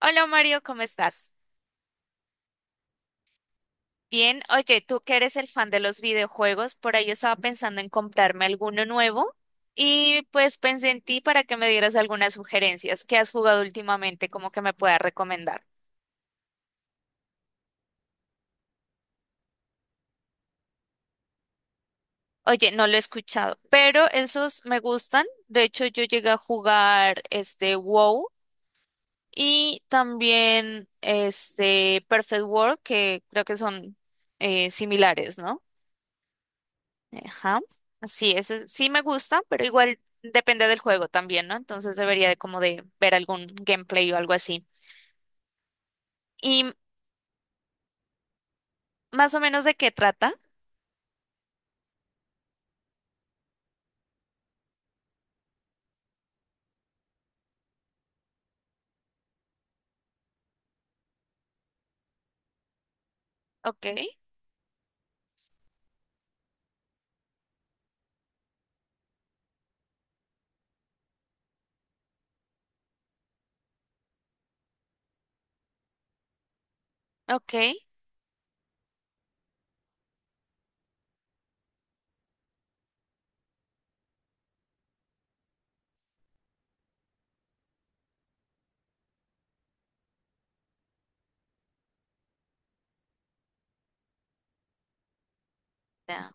Hola Mario, ¿cómo estás? Bien, oye, tú que eres el fan de los videojuegos, por ahí yo estaba pensando en comprarme alguno nuevo y pues pensé en ti para que me dieras algunas sugerencias que has jugado últimamente, como que me puedas recomendar. Oye, no lo he escuchado, pero esos me gustan. De hecho, yo llegué a jugar este WoW y también este Perfect World, que creo que son similares, ¿no? Ajá. Sí, eso sí me gusta, pero igual depende del juego también, ¿no? Entonces debería de como de ver algún gameplay o algo así. ¿Y más o menos de qué trata? Ok, ok, ya,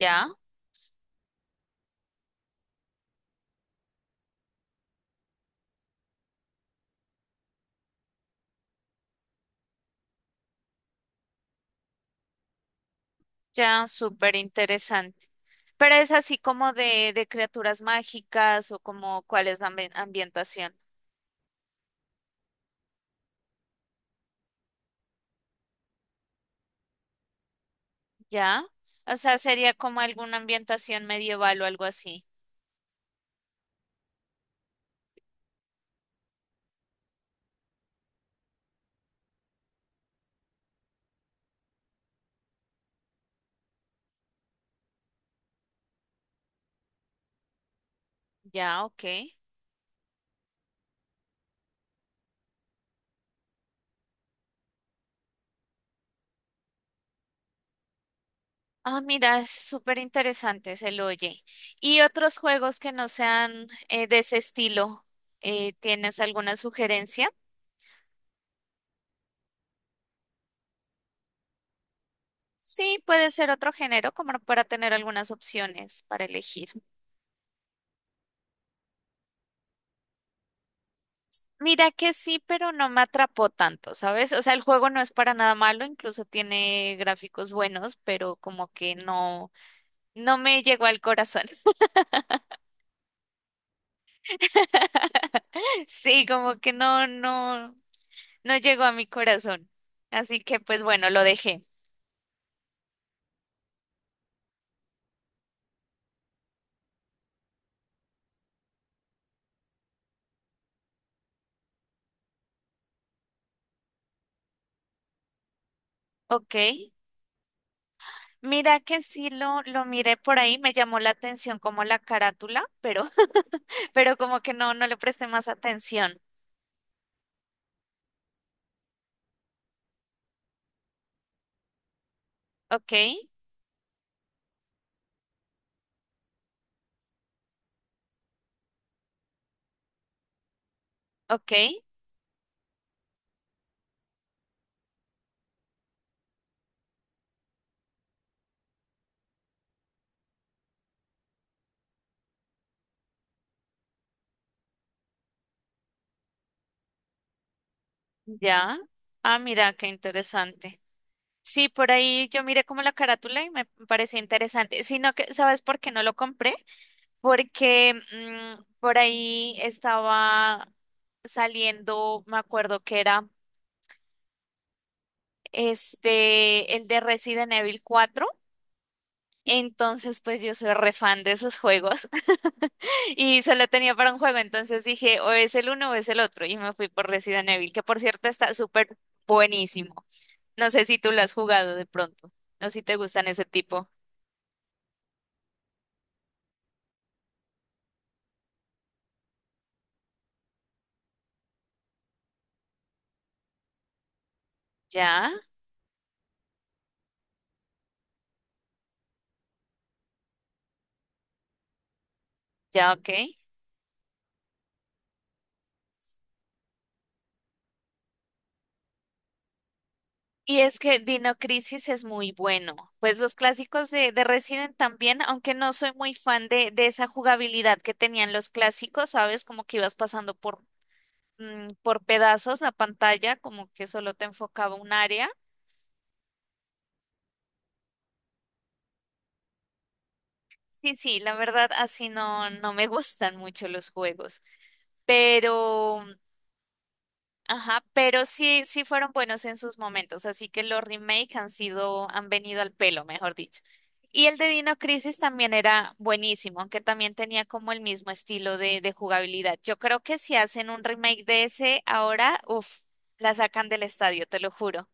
ya, ya, súper interesante. Pero es así como de criaturas mágicas o como cuál es la ambientación, ¿ya? O sea, sería como alguna ambientación medieval o algo así. Ya, ok. Ah, mira, es súper interesante, se lo oye. ¿Y otros juegos que no sean de ese estilo? ¿Tienes alguna sugerencia? Sí, puede ser otro género, como para tener algunas opciones para elegir. Mira que sí, pero no me atrapó tanto, ¿sabes? O sea, el juego no es para nada malo, incluso tiene gráficos buenos, pero como que no, no me llegó al corazón. Sí, como que no, no, no llegó a mi corazón. Así que pues bueno, lo dejé. Ok. Mira que sí lo miré por ahí, me llamó la atención como la carátula, pero, pero como que no, no le presté más atención. Ok, ok, ya. Ah, mira, qué interesante. Sí, por ahí yo miré como la carátula y me pareció interesante. Sino que, ¿sabes por qué no lo compré? Porque por ahí estaba saliendo, me acuerdo que era este, el de Resident Evil 4. Entonces, pues yo soy re fan de esos juegos y solo tenía para un juego, entonces dije, o es el uno o es el otro y me fui por Resident Evil, que por cierto está súper buenísimo. No sé si tú lo has jugado de pronto, no si te gustan ese tipo. Ya, ya, ok. Y es que Dino Crisis es muy bueno. Pues los clásicos de Resident también, aunque no soy muy fan de esa jugabilidad que tenían los clásicos, ¿sabes? Como que ibas pasando por, por pedazos la pantalla, como que solo te enfocaba un área. Sí, sí, la verdad así no, no me gustan mucho los juegos, pero, ajá, pero sí, sí fueron buenos en sus momentos, así que los remake han sido, han venido al pelo, mejor dicho. Y el de Dino Crisis también era buenísimo, aunque también tenía como el mismo estilo de jugabilidad. Yo creo que si hacen un remake de ese ahora, uff, la sacan del estadio, te lo juro.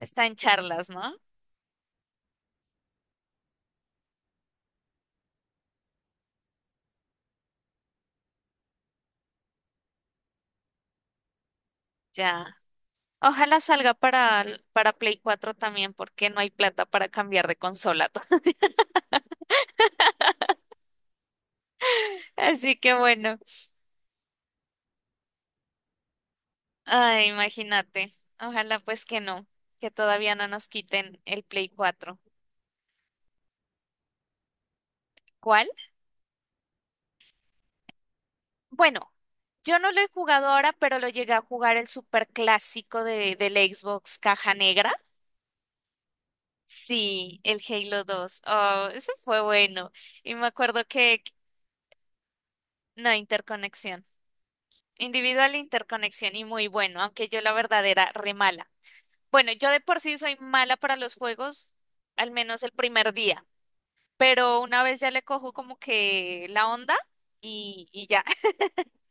Está en charlas, ¿no? Ya. Ojalá salga para Play 4 también, porque no hay plata para cambiar de consola. Así que bueno, ay, imagínate. Ojalá pues que no, que todavía no nos quiten el Play 4. ¿Cuál? Bueno, yo no lo he jugado ahora, pero lo llegué a jugar el super clásico de, del Xbox Caja Negra. Sí, el Halo 2. Oh, ese fue bueno. Y me acuerdo que, no, interconexión. Individual interconexión y muy bueno, aunque yo la verdad era re mala. Bueno, yo de por sí soy mala para los juegos, al menos el primer día, pero una vez ya le cojo como que la onda y ya,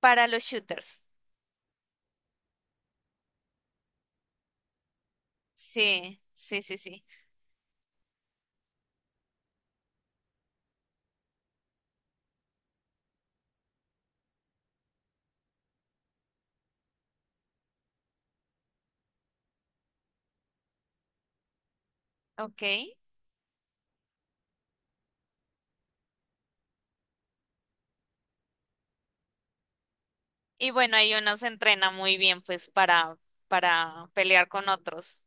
para los shooters. Sí, sí, sí, sí. Ok. Y bueno, ahí uno se entrena muy bien pues para pelear con otros.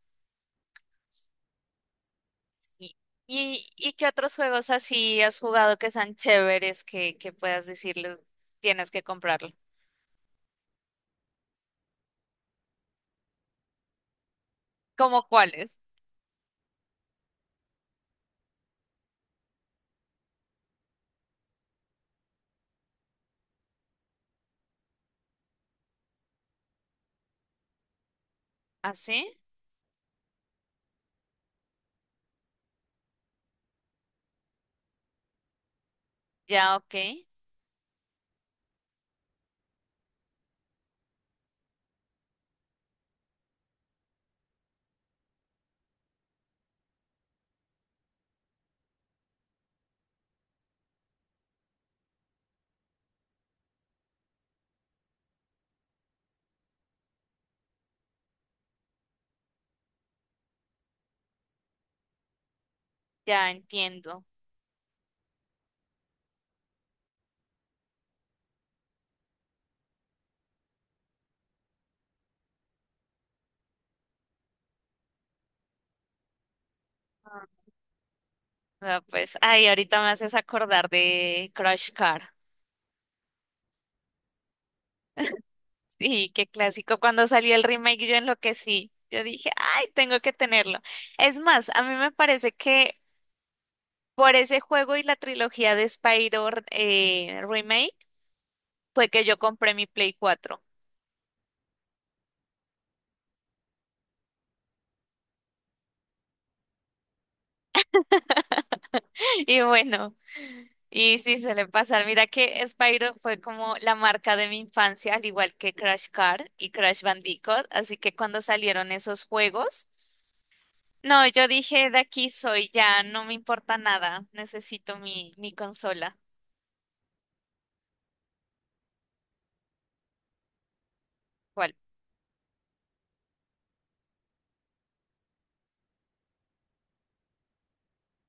¿Y, y qué otros juegos así has jugado que sean chéveres que puedas decirles tienes que comprarlo? ¿Cómo cuáles? ¿Así? Ya, ok. Ya entiendo. Ah, pues, ay, ahorita me haces acordar de Crush Car. Sí, qué clásico. Cuando salió el remake yo enloquecí. Yo dije, ay, tengo que tenerlo. Es más, a mí me parece que por ese juego y la trilogía de Spyro Remake fue que yo compré mi Play 4. Y bueno, y sí suele pasar. Mira que Spyro fue como la marca de mi infancia, al igual que Crash Car y Crash Bandicoot. Así que cuando salieron esos juegos... No, yo dije, de aquí soy, ya no me importa nada, necesito mi, mi consola. ¿Cuál?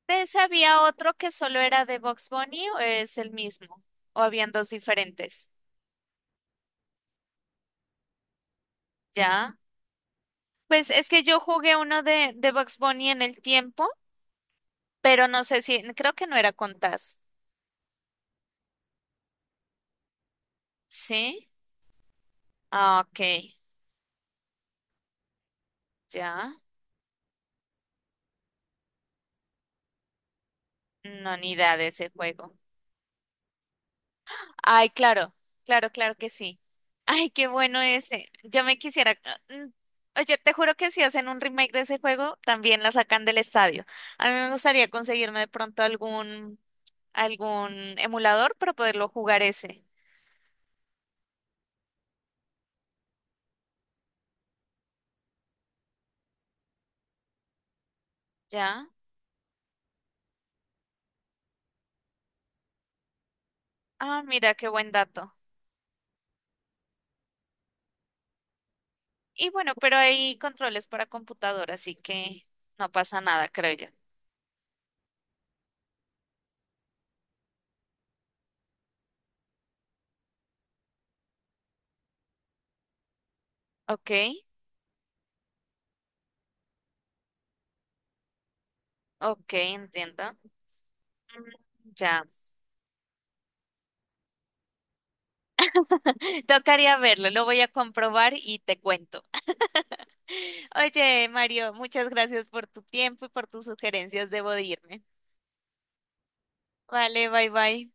¿De ese había otro que solo era de Box Bunny o es el mismo? ¿O habían dos diferentes? ¿Ya? Pues es que yo jugué uno de Bugs Bunny en el tiempo, pero no sé si, creo que no era con Taz. ¿Sí? Ah, ok, ya. No, ni idea de ese juego. Ay, claro, claro, claro que sí. Ay, qué bueno ese. Yo me quisiera. mm, Oye, te juro que si hacen un remake de ese juego, también la sacan del estadio. A mí me gustaría conseguirme de pronto algún, algún emulador para poderlo jugar ese. ¿Ya? Ah, mira, qué buen dato. Y bueno, pero hay controles para computador, así que no pasa nada, creo yo. Ok, ok, entiendo. Mm. Ya. Tocaría verlo, lo voy a comprobar y te cuento. Oye, Mario, muchas gracias por tu tiempo y por tus sugerencias. Debo de irme. Vale, bye bye.